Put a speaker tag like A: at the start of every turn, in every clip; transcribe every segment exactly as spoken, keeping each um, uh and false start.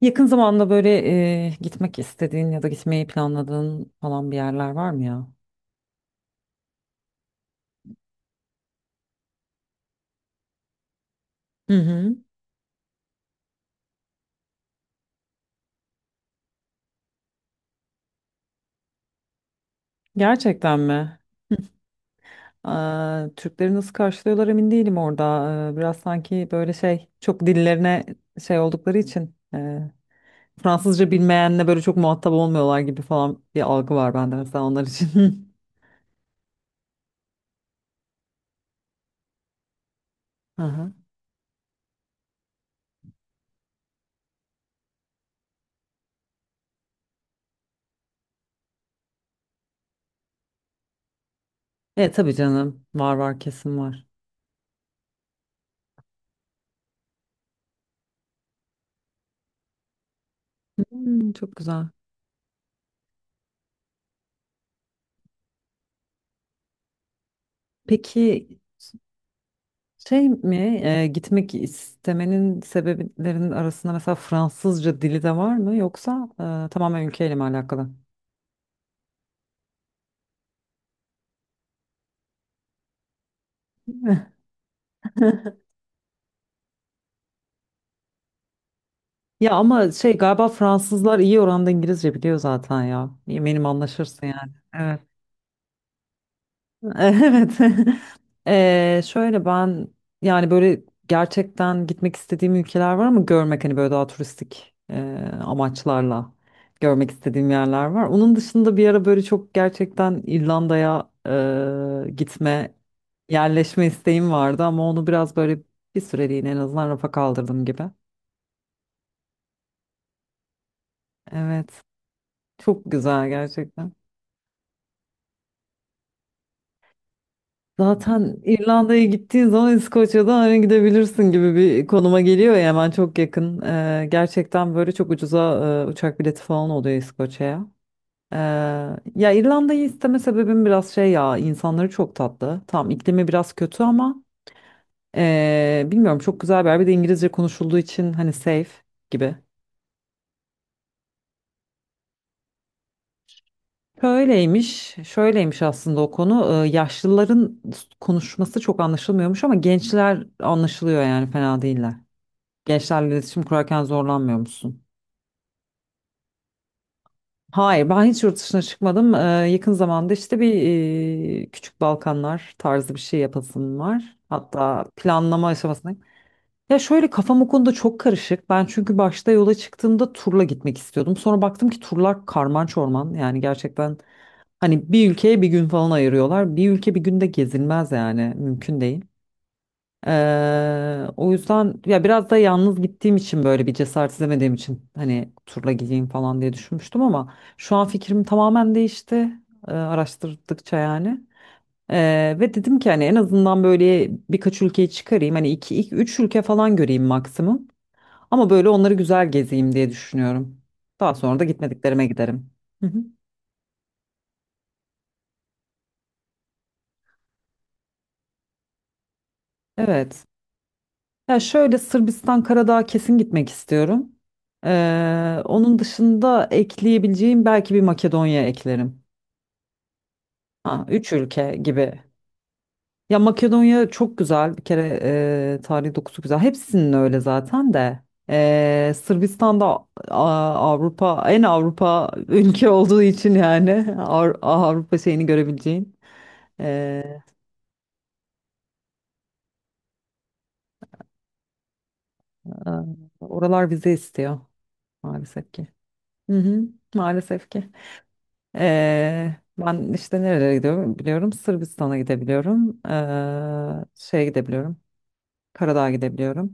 A: Yakın zamanda böyle e, gitmek istediğin ya da gitmeyi planladığın falan bir yerler var mı ya? Hı hı. Gerçekten mi? Aa, Türkleri nasıl karşılıyorlar emin değilim orada. Ee, biraz sanki böyle şey çok dillerine şey oldukları için e, Fransızca bilmeyenle böyle çok muhatap olmuyorlar gibi falan bir algı var bende mesela onlar için. Aha. E tabii canım, var var kesin var. Hmm, çok güzel. Peki, Şey mi e, gitmek istemenin sebeplerinin arasında mesela Fransızca dili de var mı, yoksa e, tamamen ülkeyle mi alakalı? Ya ama şey, galiba Fransızlar iyi oranda İngilizce biliyor zaten ya. Eminim anlaşırsın yani. Evet. Evet. Eee, şöyle ben yani böyle gerçekten gitmek istediğim ülkeler var ama görmek, hani böyle daha turistik eee, amaçlarla görmek istediğim yerler var. Onun dışında bir ara böyle çok gerçekten İrlanda'ya eee, gitme, yerleşme isteğim vardı ama onu biraz böyle bir süreliğine en azından rafa kaldırdım gibi. Evet. Çok güzel gerçekten. Zaten İrlanda'ya gittiğin zaman İskoçya'dan hani gidebilirsin gibi bir konuma geliyor ya, hemen çok yakın. Ee, gerçekten böyle çok ucuza e, uçak bileti falan oluyor İskoçya'ya. Ee, Ya İrlanda'yı isteme sebebim biraz şey, ya insanları çok tatlı. Tam iklimi biraz kötü ama e, bilmiyorum, çok güzel bir yer. Bir de İngilizce konuşulduğu için hani safe gibi. Şöyleymiş, şöyleymiş aslında o konu. Ee, yaşlıların konuşması çok anlaşılmıyormuş ama gençler anlaşılıyor, yani fena değiller. Gençlerle iletişim kurarken zorlanmıyor musun? Hayır, ben hiç yurt dışına çıkmadım. Ee, yakın zamanda işte bir e, küçük Balkanlar tarzı bir şey yapasım var. Hatta planlama aşamasındayım. Ya şöyle, kafam o konuda çok karışık. Ben çünkü başta yola çıktığımda turla gitmek istiyordum. Sonra baktım ki turlar karman çorman. Yani gerçekten hani bir ülkeye bir gün falan ayırıyorlar. Bir ülke bir günde gezilmez yani, mümkün değil. Eee, o yüzden ya biraz da yalnız gittiğim için, böyle bir cesaret edemediğim için hani turla gideyim falan diye düşünmüştüm ama şu an fikrim tamamen değişti eee, araştırdıkça yani. Eee, ve dedim ki hani en azından böyle birkaç ülkeyi çıkarayım, hani iki, iki üç ülke falan göreyim maksimum ama böyle onları güzel gezeyim diye düşünüyorum. Daha sonra da gitmediklerime giderim. Hı hı. Evet. Ya şöyle, Sırbistan Karadağ'a kesin gitmek istiyorum. Ee, onun dışında ekleyebileceğim, belki bir Makedonya eklerim. Ha, üç ülke gibi. Ya Makedonya çok güzel. Bir kere e, tarihi dokusu güzel. Hepsinin öyle zaten de. Ee, Sırbistan'da Avrupa, en Avrupa ülke olduğu için yani Av- Avrupa şeyini görebileceğin. Ee, Oralar vize istiyor maalesef ki. Hı hı, maalesef ki. Ee, ben işte nerelere gidiyorum biliyorum. Sırbistan'a gidebiliyorum. Ee, şeye gidebiliyorum. Karadağ'a gidebiliyorum.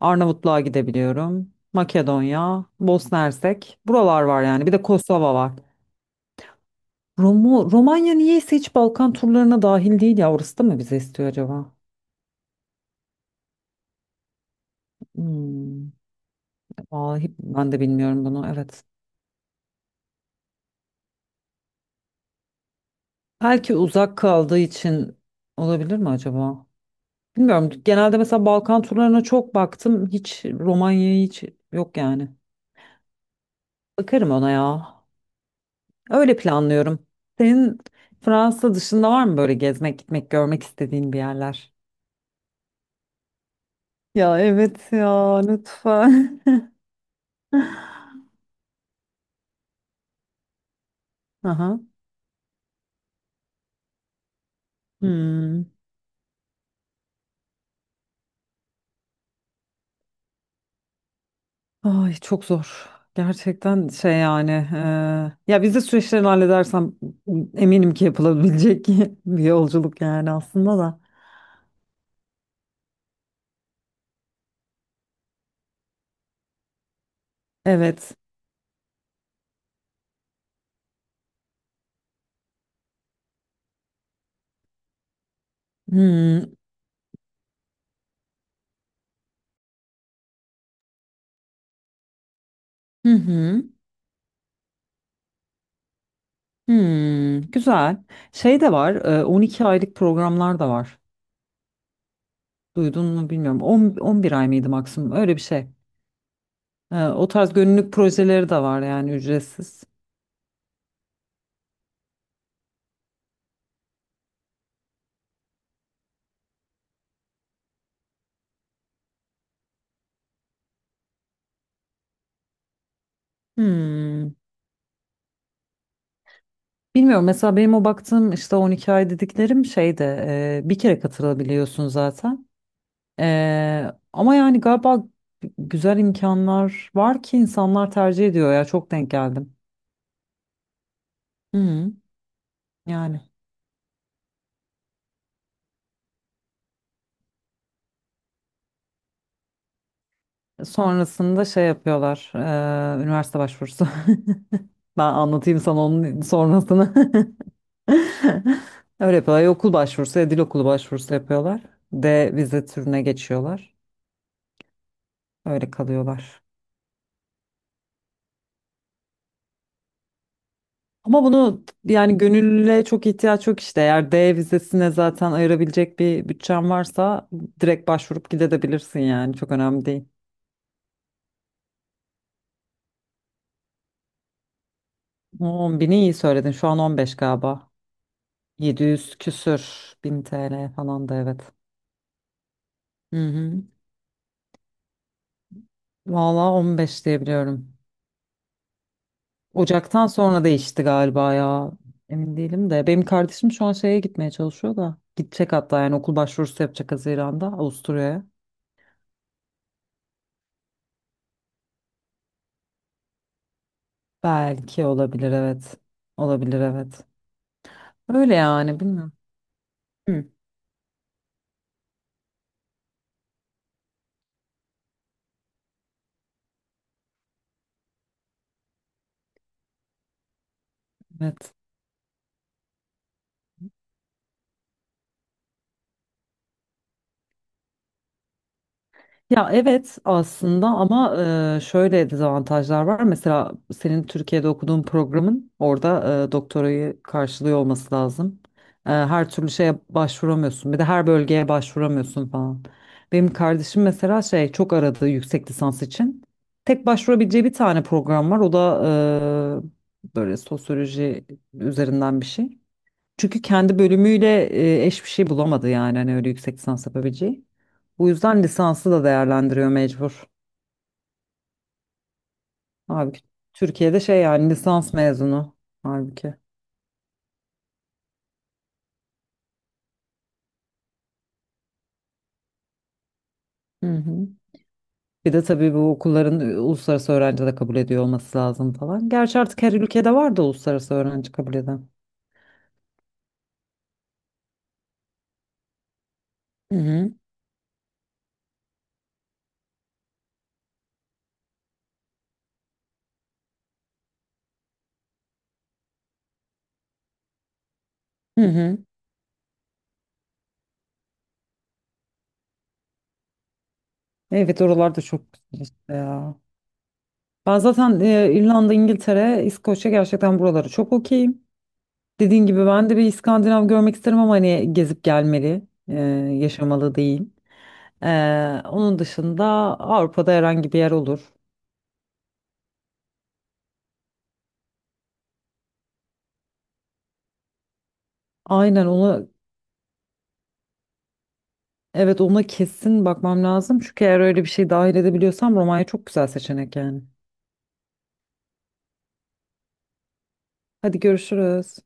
A: Arnavutluğa gidebiliyorum. Makedonya, Bosna Hersek. Buralar var yani. Bir de Kosova var. Romo, Romanya niyeyse hiç Balkan turlarına dahil değil ya. Orası da mı bize istiyor acaba? Hmm, vallahi ben de bilmiyorum bunu. Evet. Belki uzak kaldığı için olabilir mi acaba? Bilmiyorum. Genelde mesela Balkan turlarına çok baktım. Hiç Romanya'ya, hiç yok yani. Bakarım ona ya. Öyle planlıyorum. Senin Fransa dışında var mı böyle gezmek, gitmek, görmek istediğin bir yerler? Ya evet, ya lütfen. Aha. Hmm. Ay, çok zor. Gerçekten şey yani. E, ya vize süreçlerini halledersem eminim ki yapılabilecek bir yolculuk yani aslında da. Evet. Hmm. Hı hı. Hmm, güzel. Şey de var, e, on iki aylık programlar da var. Duydun mu bilmiyorum. on, on bir ay mıydı maksimum? Öyle bir şey. E, O tarz gönüllülük projeleri de var yani, ücretsiz. Hmm. Bilmiyorum, mesela benim o baktığım işte on iki ay dediklerim şeyde e, bir kere katılabiliyorsun zaten. E, ama yani galiba güzel imkanlar var ki insanlar tercih ediyor ya, çok denk geldim. Hı hı. Yani sonrasında şey yapıyorlar, e, üniversite başvurusu. Ben anlatayım sana onun sonrasını. Öyle yapıyorlar. Ya okul başvurusu ya dil okulu başvurusu yapıyorlar. D vize türüne geçiyorlar. Öyle kalıyorlar. Ama bunu yani, gönüllüye çok ihtiyaç yok işte. Eğer D vizesine zaten ayırabilecek bir bütçen varsa direkt başvurup gidebilirsin yani. Çok önemli değil. on bini iyi söyledin. Şu an on beş galiba. yedi yüz küsür bin T L falan da evet. Hı hı. Valla on beş diyebiliyorum. Ocaktan sonra değişti galiba ya. Emin değilim de. Benim kardeşim şu an şeye gitmeye çalışıyor da. Gidecek hatta yani, okul başvurusu yapacak Haziran'da Avusturya'ya. Belki olabilir, evet. Olabilir, evet. Öyle yani, bilmiyorum. Hı. Evet. Ya evet aslında ama e, şöyle dezavantajlar var. Mesela senin Türkiye'de okuduğun programın orada e, doktorayı karşılıyor olması lazım. E, her türlü şeye başvuramıyorsun. Bir de her bölgeye başvuramıyorsun falan. Benim kardeşim mesela şey, çok aradı yüksek lisans için. Tek başvurabileceği bir tane program var. O da e, böyle sosyoloji üzerinden bir şey. Çünkü kendi bölümüyle e, eş bir şey bulamadı yani, hani öyle yüksek lisans yapabileceği. Bu yüzden lisansı da değerlendiriyor mecbur. Halbuki Türkiye'de şey yani, lisans mezunu halbuki. Hı hı. Bir de tabii bu okulların e, uluslararası öğrenci de kabul ediyor olması lazım falan. Gerçi artık her ülkede var da uluslararası öğrenci kabul eden. Hı hı. Hı hı. Evet, oralarda çok güzel işte ya. Ben zaten e, İrlanda, İngiltere, İskoçya, gerçekten buraları çok okeyim. Dediğin gibi ben de bir İskandinav görmek isterim ama hani gezip gelmeli, e, yaşamalı değil. Ee, onun dışında Avrupa'da herhangi bir yer olur. Aynen onu, evet, ona kesin bakmam lazım. Çünkü eğer öyle bir şey dahil edebiliyorsam Romanya çok güzel seçenek yani. Hadi görüşürüz.